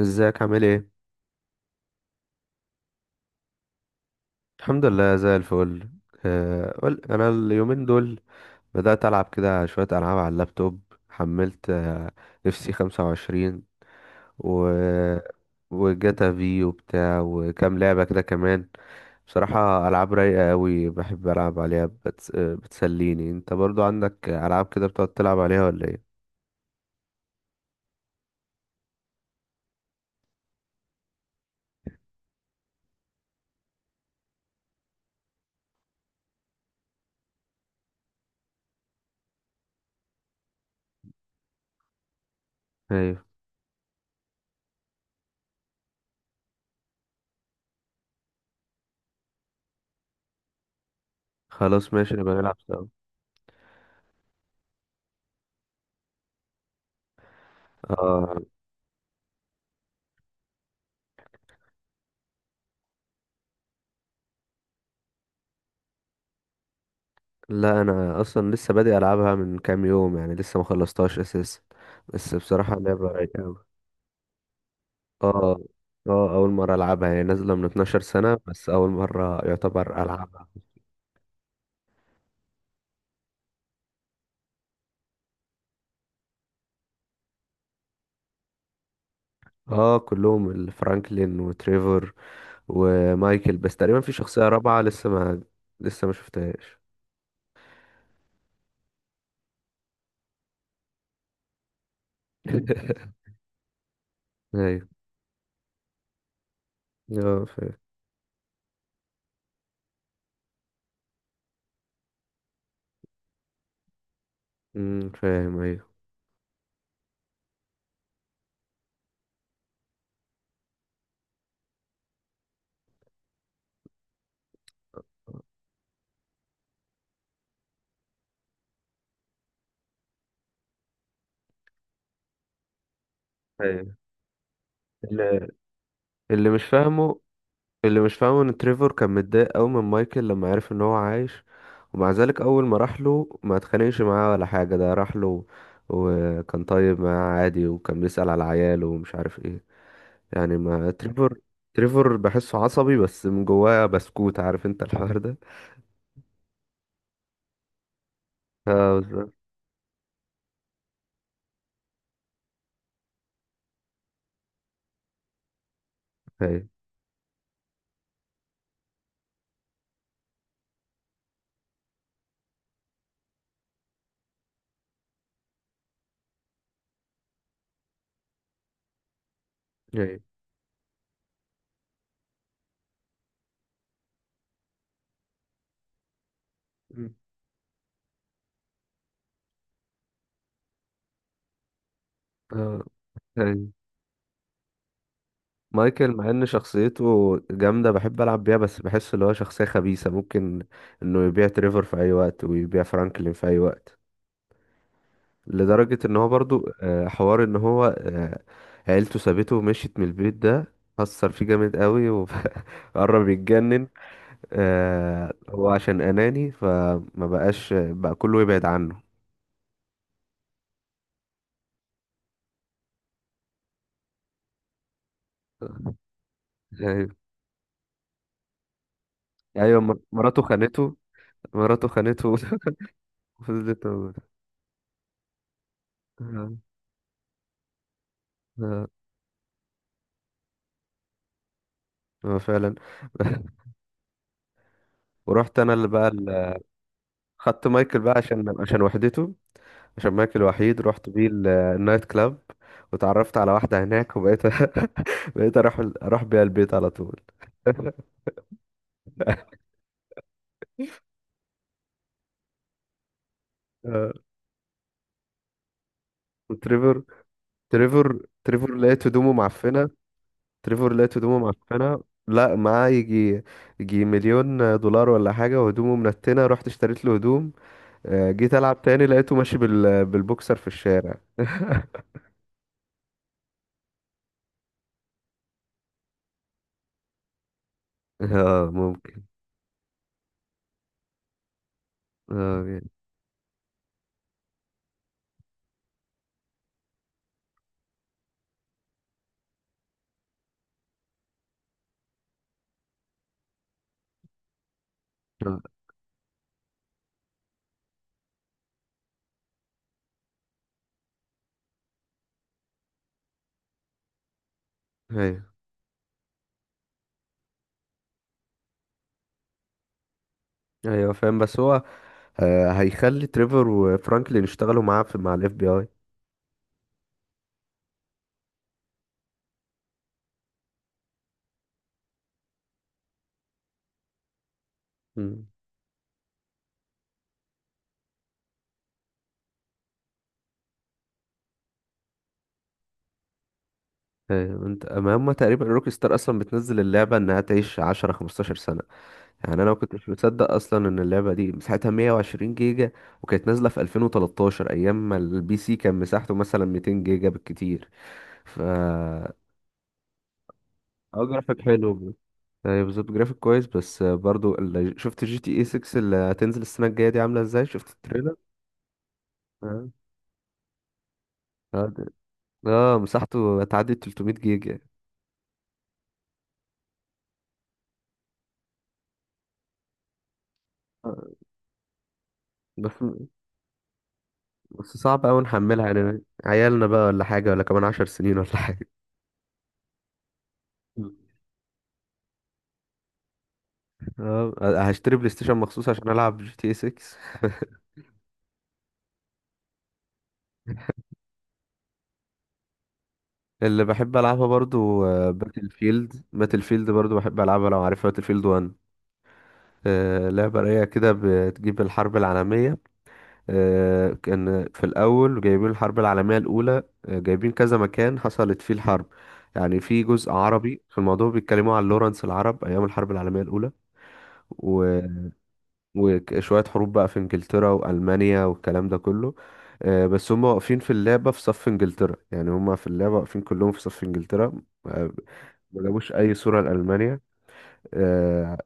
ازيك عامل ايه؟ الحمد لله زي الفل. قول، انا اليومين دول بدأت العب كده شوية العاب على اللابتوب. حملت اف سي 25، و وجاتا في وبتاع وكام لعبة كده كمان. بصراحة العاب رايقة قوي، بحب العب عليها بتسليني. انت برضو عندك العاب كده بتقعد تلعب عليها ولا ايه؟ ايوه. خلاص، ماشي، نبقى نلعب سوا. اه. لا، انا اصلا لسه بادئ العبها من كام يوم، يعني لسه ما خلصتهاش اساسا. بس بصراحه لعبه رايقه أوي. اه، اه، اول مره العبها، هي نازله من 12 سنه، بس اول مره يعتبر العبها. اه، كلهم: الفرانكلين وتريفور ومايكل، بس تقريبا في شخصيه رابعه لسه ما شفتهاش. ايوه. اه، فاهم. فاهم، ايوه. ايوه، اللي اللي مش فاهمه اللي مش فاهمه ان تريفور كان متضايق قوي من مايكل لما عرف ان هو عايش، ومع ذلك اول ما راح له ما اتخانقش معاه ولا حاجه، ده راح له وكان طيب معاه عادي وكان بيسأل على عياله ومش عارف ايه، يعني ما تريفور تريفور بحسه عصبي، بس من جواه بسكوت، عارف انت الحوار ده. اه، بالظبط. هي. هي، مم. اه، هي. مايكل مع ان شخصيته جامده بحب العب بيها، بس بحس اللي هو شخصيه خبيثه، ممكن انه يبيع تريفور في اي وقت ويبيع فرانكلين في اي وقت، لدرجة ان هو برضو حوار ان هو عيلته سابته ومشيت من البيت، ده أثر فيه جامد قوي وقرب يتجنن. هو عشان أناني فما بقاش بقى كله يبعد عنه. أيوة. أيوة، مراته خانته. مراته خانته. وفضلت موجودة. آه. آه. آه، فعلا. ورحت أنا خدت مايكل بقى عشان وحدته. شماك الوحيد، رحت بيه النايت كلاب، وتعرفت على واحدة هناك، وبقيت، بقيت اروح بيها البيت على طول. آه، وتريفر تريفر تريفر لقيت هدومه معفنة. تريفر لقيت هدومه معفنة. لا، معاه يجي مليون دولار ولا حاجة، وهدومه منتنة، رحت اشتريت له هدوم. جيت ألعب تاني، لقيته ماشي بالبوكسر في الشارع. اه، ممكن. اه، يعني. آه. ايوه، ايوه، فاهم، بس هو هيخلي تريفر وفرانكلين يشتغلوا معاه في مع الاف بي اي. مم. انت، ما هم تقريبا روك ستار، اصلا بتنزل اللعبه انها تعيش 10 15 سنه، يعني انا ما كنتش مصدق اصلا ان اللعبه دي مساحتها 120 جيجا، وكانت نازله في 2013 ايام ما البي سي كان مساحته مثلا 200 جيجا بالكتير، ف اه جرافيك حلو. يعني بالظبط جرافيك كويس، بس برضو اللي شفت جي تي اي 6 اللي هتنزل السنه الجايه دي عامله ازاي، شفت التريلر؟ اه، اه، مساحته هتعدي 300 جيجا. بس بس صعب أوي نحملها يعني، عيالنا بقى ولا حاجة ولا كمان 10 سنين ولا حاجة. اه، هشتري بلاي ستيشن مخصوص عشان ألعب جي تي 6. اللي بحب ألعبها برضو، باتل فيلد، باتل فيلد برضو بحب ألعبها لو عارفها: باتل فيلد 1، لعبة رايقة كده بتجيب الحرب العالمية، كان في الأول جايبين الحرب العالمية الأولى، جايبين كذا مكان حصلت فيه الحرب. يعني في جزء عربي في الموضوع بيتكلموا عن لورنس العرب أيام الحرب العالمية الأولى، وشوية حروب بقى في انجلترا وألمانيا والكلام ده كله، بس هم واقفين في اللعبة في صف انجلترا، يعني هم في اللعبة واقفين كلهم في صف انجلترا. ما جابوش أي صورة لألمانيا. آه،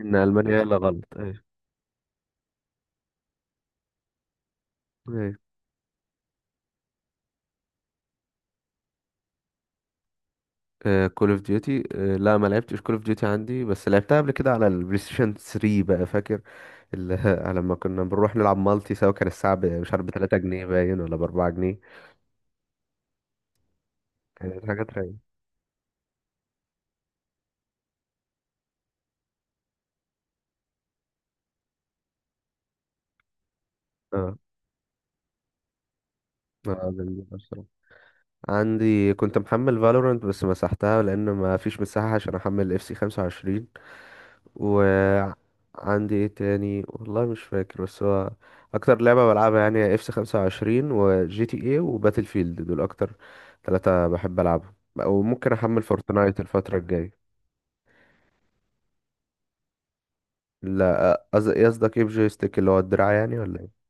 إن ألمانيا هي اللي غلط، أيوه. أيوة. كول اوف ديوتي. لا، ما لعبتش كول اوف ديوتي عندي، بس لعبتها قبل كده على البلاي ستيشن 3، بقى فاكر اللي لما كنا بنروح نلعب مالتي سوا، كان الساعة مش عارف، ب 3 جنيه باين، ولا ب 4 جنيه. كانت حاجات رايقة. اه. اه، جميلة. عندي كنت محمل فالورانت بس مسحتها لان ما فيش مساحة عشان احمل اف سي 25. وعندي ايه تاني، والله مش فاكر، بس هو اكتر لعبة بلعبها يعني هي اف سي 25 وجي تي اي وباتل فيلد، دول اكتر ثلاثة بحب العبهم. وممكن احمل فورتنايت الفترة الجاية. لا، قصدك ايه بجويستيك؟ اللي هو الدراع يعني، ولا إيه؟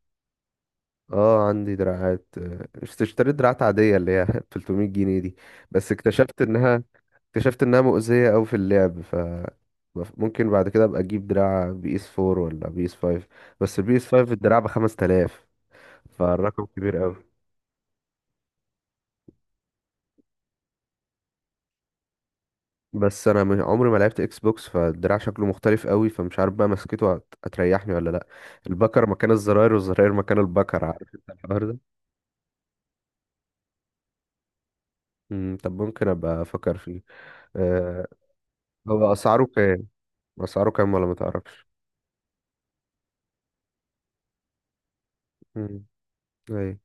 اه، عندي دراعات. اشتريت دراعات عادية، اللي هي 300 جنيه دي، بس اكتشفت انها مؤذية اوي في اللعب، ف ممكن بعد كده ابقى اجيب دراع بي اس 4 ولا بي اس 5، بس البي اس 5 الدراع ب 5000، فالرقم كبير اوي. بس انا عمري ما لعبت اكس بوكس، فالدراع شكله مختلف قوي، فمش عارف بقى مسكته هتريحني ولا لا. البكر مكان الزراير والزراير مكان البكر، عارف انت الحوار ده. طب ممكن ابقى افكر فيه. أه. هو اسعاره كام؟ اسعاره كام، ولا ما تعرفش؟ امم. ايوه،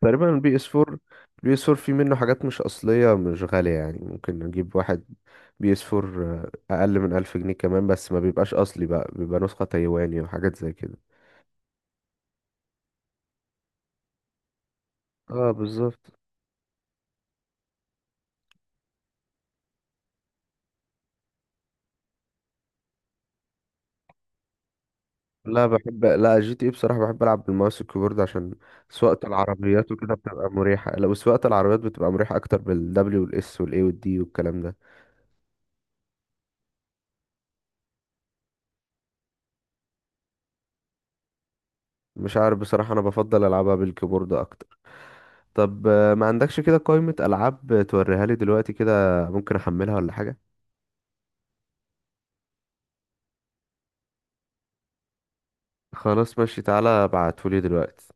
تقريبا البي اس 4. البي اس 4 في منه حاجات مش اصليه مش غاليه، يعني ممكن نجيب واحد بي اس 4 اقل من 1000 جنيه كمان، بس ما بيبقاش اصلي بقى، بيبقى نسخه تايواني وحاجات زي كده. اه، بالظبط. لا جي تي اي بصراحه بحب العب بالماوس والكيبورد، عشان سواقه العربيات وكده بتبقى مريحه، لو سواقه العربيات بتبقى مريحه اكتر بالدبليو والاس والاي والدي والكلام ده. مش عارف بصراحه، انا بفضل العبها بالكيبورد اكتر. طب، ما عندكش كده قائمة ألعاب توريها لي دلوقتي كده؟ ممكن أحملها ولا حاجة. خلاص، ماشي، تعالى ابعتهولي دلوقتي.